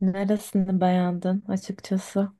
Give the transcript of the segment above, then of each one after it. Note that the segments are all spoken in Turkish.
Neresini beğendin açıkçası?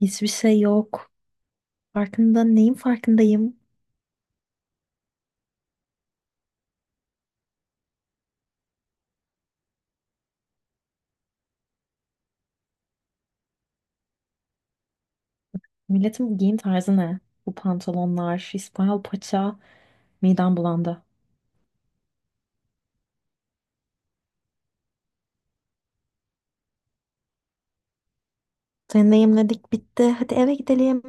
Hiçbir şey yok. Farkında neyin farkındayım? Milletin giyim tarzı ne? Bu pantolonlar, İspanyol paça, midem bulandı. Deneyimledik bitti. Hadi eve gidelim.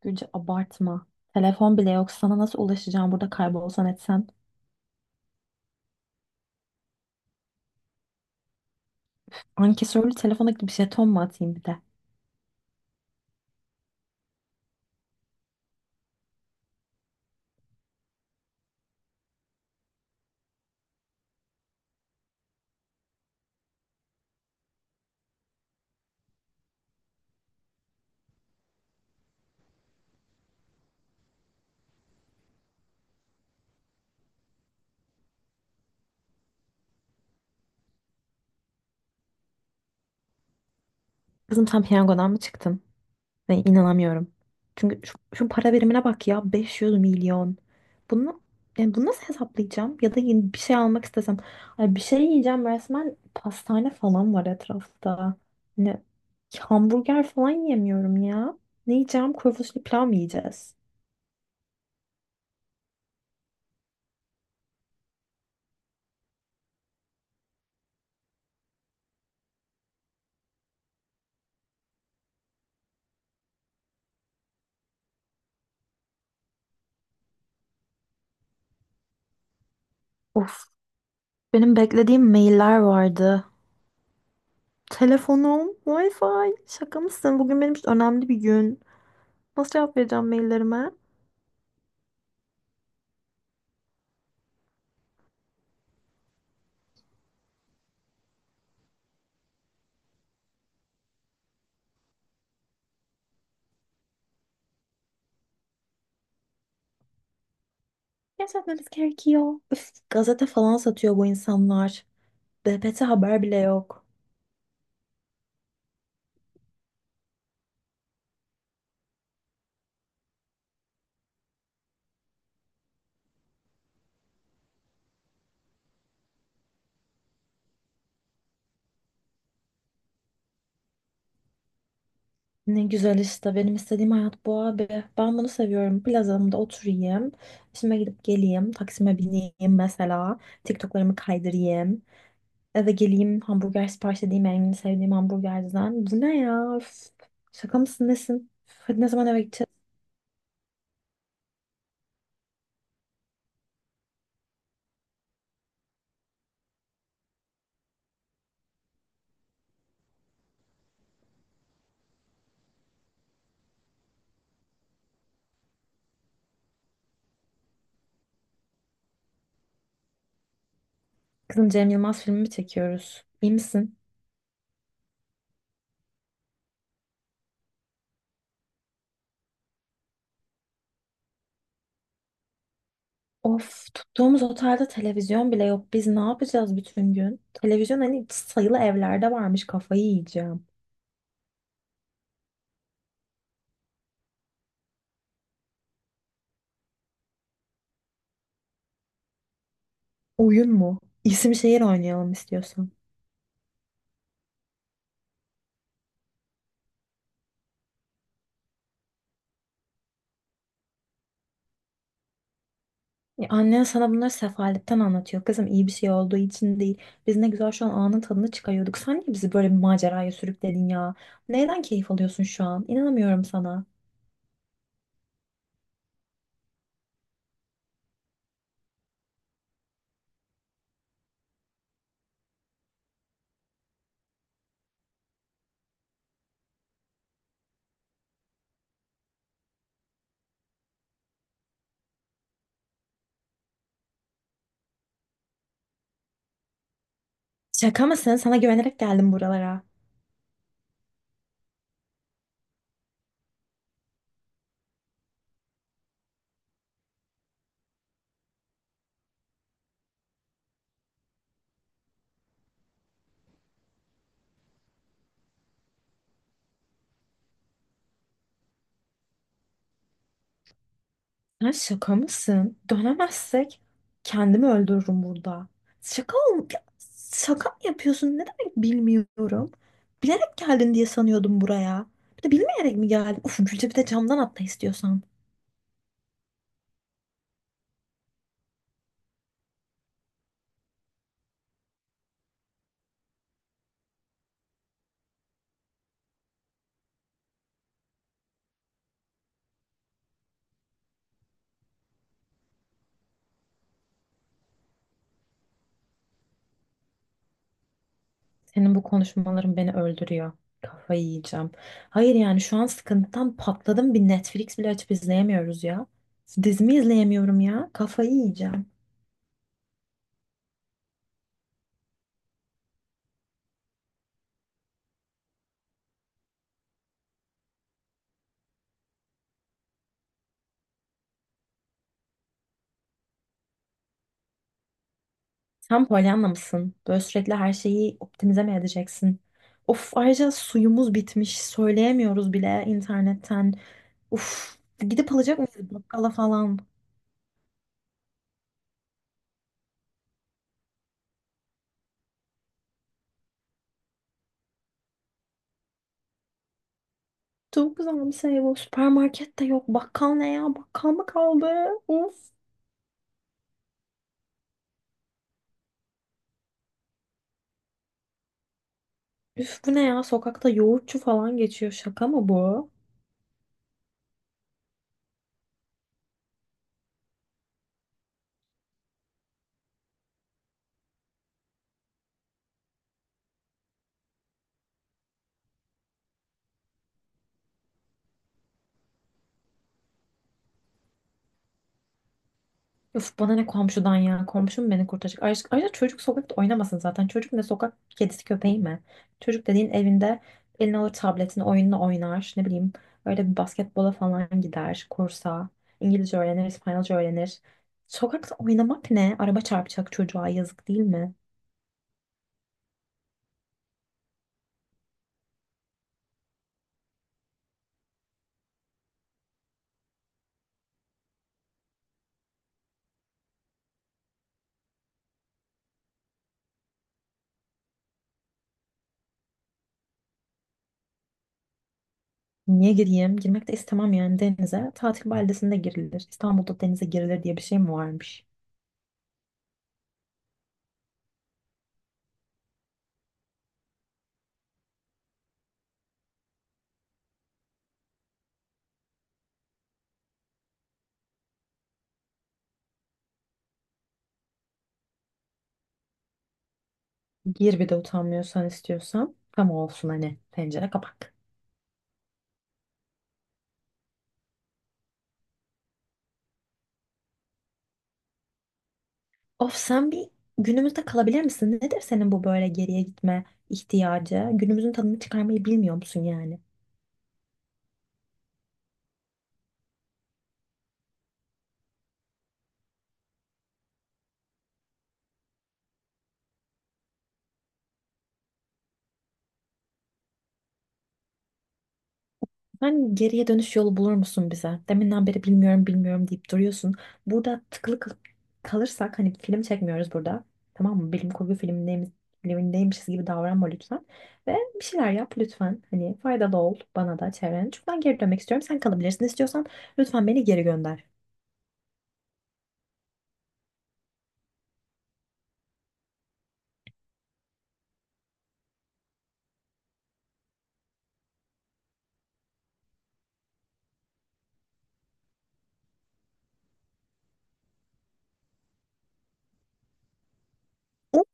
Gülce abartma. Telefon bile yok. Sana nasıl ulaşacağım burada kaybolsan etsen? Ankesörlü telefona bir jeton mu atayım bir de? Kızım sen piyangodan mı çıktın? Ve inanamıyorum. Çünkü şu para birimine bak ya, 500 milyon. Bunu, yani bunu nasıl hesaplayacağım? Ya da yeni bir şey almak istesem. Ay bir şey yiyeceğim, resmen pastane falan var etrafta. Ne, hamburger falan yemiyorum ya. Ne yiyeceğim? Kuru fasulye pilav mı yiyeceğiz? Of, benim beklediğim mailler vardı. Telefonum, Wi-Fi. Şaka mısın? Bugün benim için önemli bir gün. Nasıl cevap vereceğim maillerime? Gerçekten etmemiz gerekiyor. Üf, gazete falan satıyor bu insanlar. Bebete haber bile yok. Ne güzel işte. Benim istediğim hayat bu abi. Ben bunu seviyorum. Plazamda oturayım. İşime gidip geleyim. Taksime bineyim mesela. TikTok'larımı kaydırayım. Eve geleyim. Hamburger sipariş edeyim. En sevdiğim hamburgerciden. Bu ne ya? Üf. Şaka mısın nesin? Üf, hadi ne zaman eve gideceğiz? Kızım Cem Yılmaz filmi mi çekiyoruz? İyi misin? Of, tuttuğumuz otelde televizyon bile yok. Biz ne yapacağız bütün gün? Televizyon hani sayılı evlerde varmış. Kafayı yiyeceğim. Oyun mu? İsim şehir oynayalım istiyorsan. Ya annen sana bunları sefaletten anlatıyor. Kızım iyi bir şey olduğu için değil. Biz ne güzel şu an anın tadını çıkarıyorduk. Sen niye bizi böyle bir maceraya sürükledin ya? Neyden keyif alıyorsun şu an? İnanamıyorum sana. Şaka mısın? Sana güvenerek geldim buralara. Sen şaka mısın? Dönemezsek kendimi öldürürüm burada. Şaka ol ya. Şaka mı yapıyorsun? Ne demek bilmiyorum. Bilerek geldin diye sanıyordum buraya. Bir de bilmeyerek mi geldin? Uf Gülce, bir de camdan atla istiyorsan. Senin bu konuşmaların beni öldürüyor. Kafayı yiyeceğim. Hayır yani şu an sıkıntıdan patladım. Bir Netflix bile açıp izleyemiyoruz ya. Dizimi izleyemiyorum ya. Kafayı yiyeceğim. Sen Pollyanna mısın? Böyle sürekli her şeyi optimize mi edeceksin? Of, ayrıca suyumuz bitmiş. Söyleyemiyoruz bile internetten. Uf, gidip alacak mıyız bakkala falan? Çok güzel bir şey bu. Süpermarket de yok. Bakkal ne ya? Bakkal mı kaldı? Of. Üf bu ne ya? Sokakta yoğurtçu falan geçiyor. Şaka mı bu? Üf bana ne komşudan ya? Komşum beni kurtaracak. Ayrıca çocuk sokakta oynamasın zaten. Çocuk ne, sokak kedisi köpeği mi? Çocuk dediğin evinde eline alır tabletini, oyununu oynar. Ne bileyim, öyle bir basketbola falan gider. Kursa. İngilizce öğrenir, İspanyolca öğrenir. Sokakta oynamak ne? Araba çarpacak, çocuğa yazık değil mi? Niye gireyim? Girmek de istemem yani denize. Tatil beldesinde girilir. İstanbul'da denize girilir diye bir şey mi varmış? Gir bir de utanmıyorsan istiyorsan. Tam olsun hani, tencere kapak. Of sen bir günümüzde kalabilir misin? Nedir senin bu böyle geriye gitme ihtiyacı? Günümüzün tadını çıkarmayı bilmiyor musun yani? Sen geriye dönüş yolu bulur musun bize? Deminden beri bilmiyorum bilmiyorum deyip duruyorsun. Burada kalırsak hani film çekmiyoruz burada. Tamam mı? Filmindeymişiz gibi davranma lütfen. Ve bir şeyler yap lütfen. Hani faydalı ol bana da, çevrene. Çünkü ben geri dönmek istiyorum. Sen kalabilirsin istiyorsan, lütfen beni geri gönder. O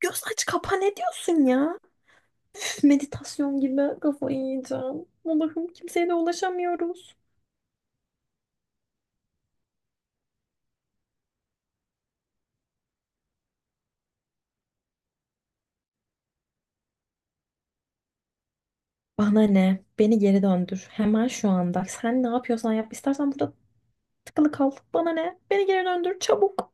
göz aç kapa ne diyorsun ya? Üf, meditasyon gibi, kafayı yiyeceğim. Allah'ım kimseye de ulaşamıyoruz. Bana ne? Beni geri döndür. Hemen şu anda. Sen ne yapıyorsan yap. İstersen burada tıkılı kal. Bana ne? Beni geri döndür çabuk.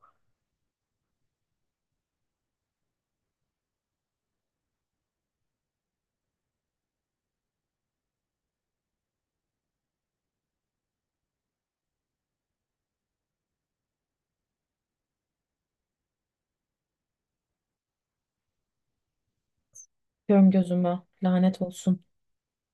Diyorum gözümü. Lanet olsun.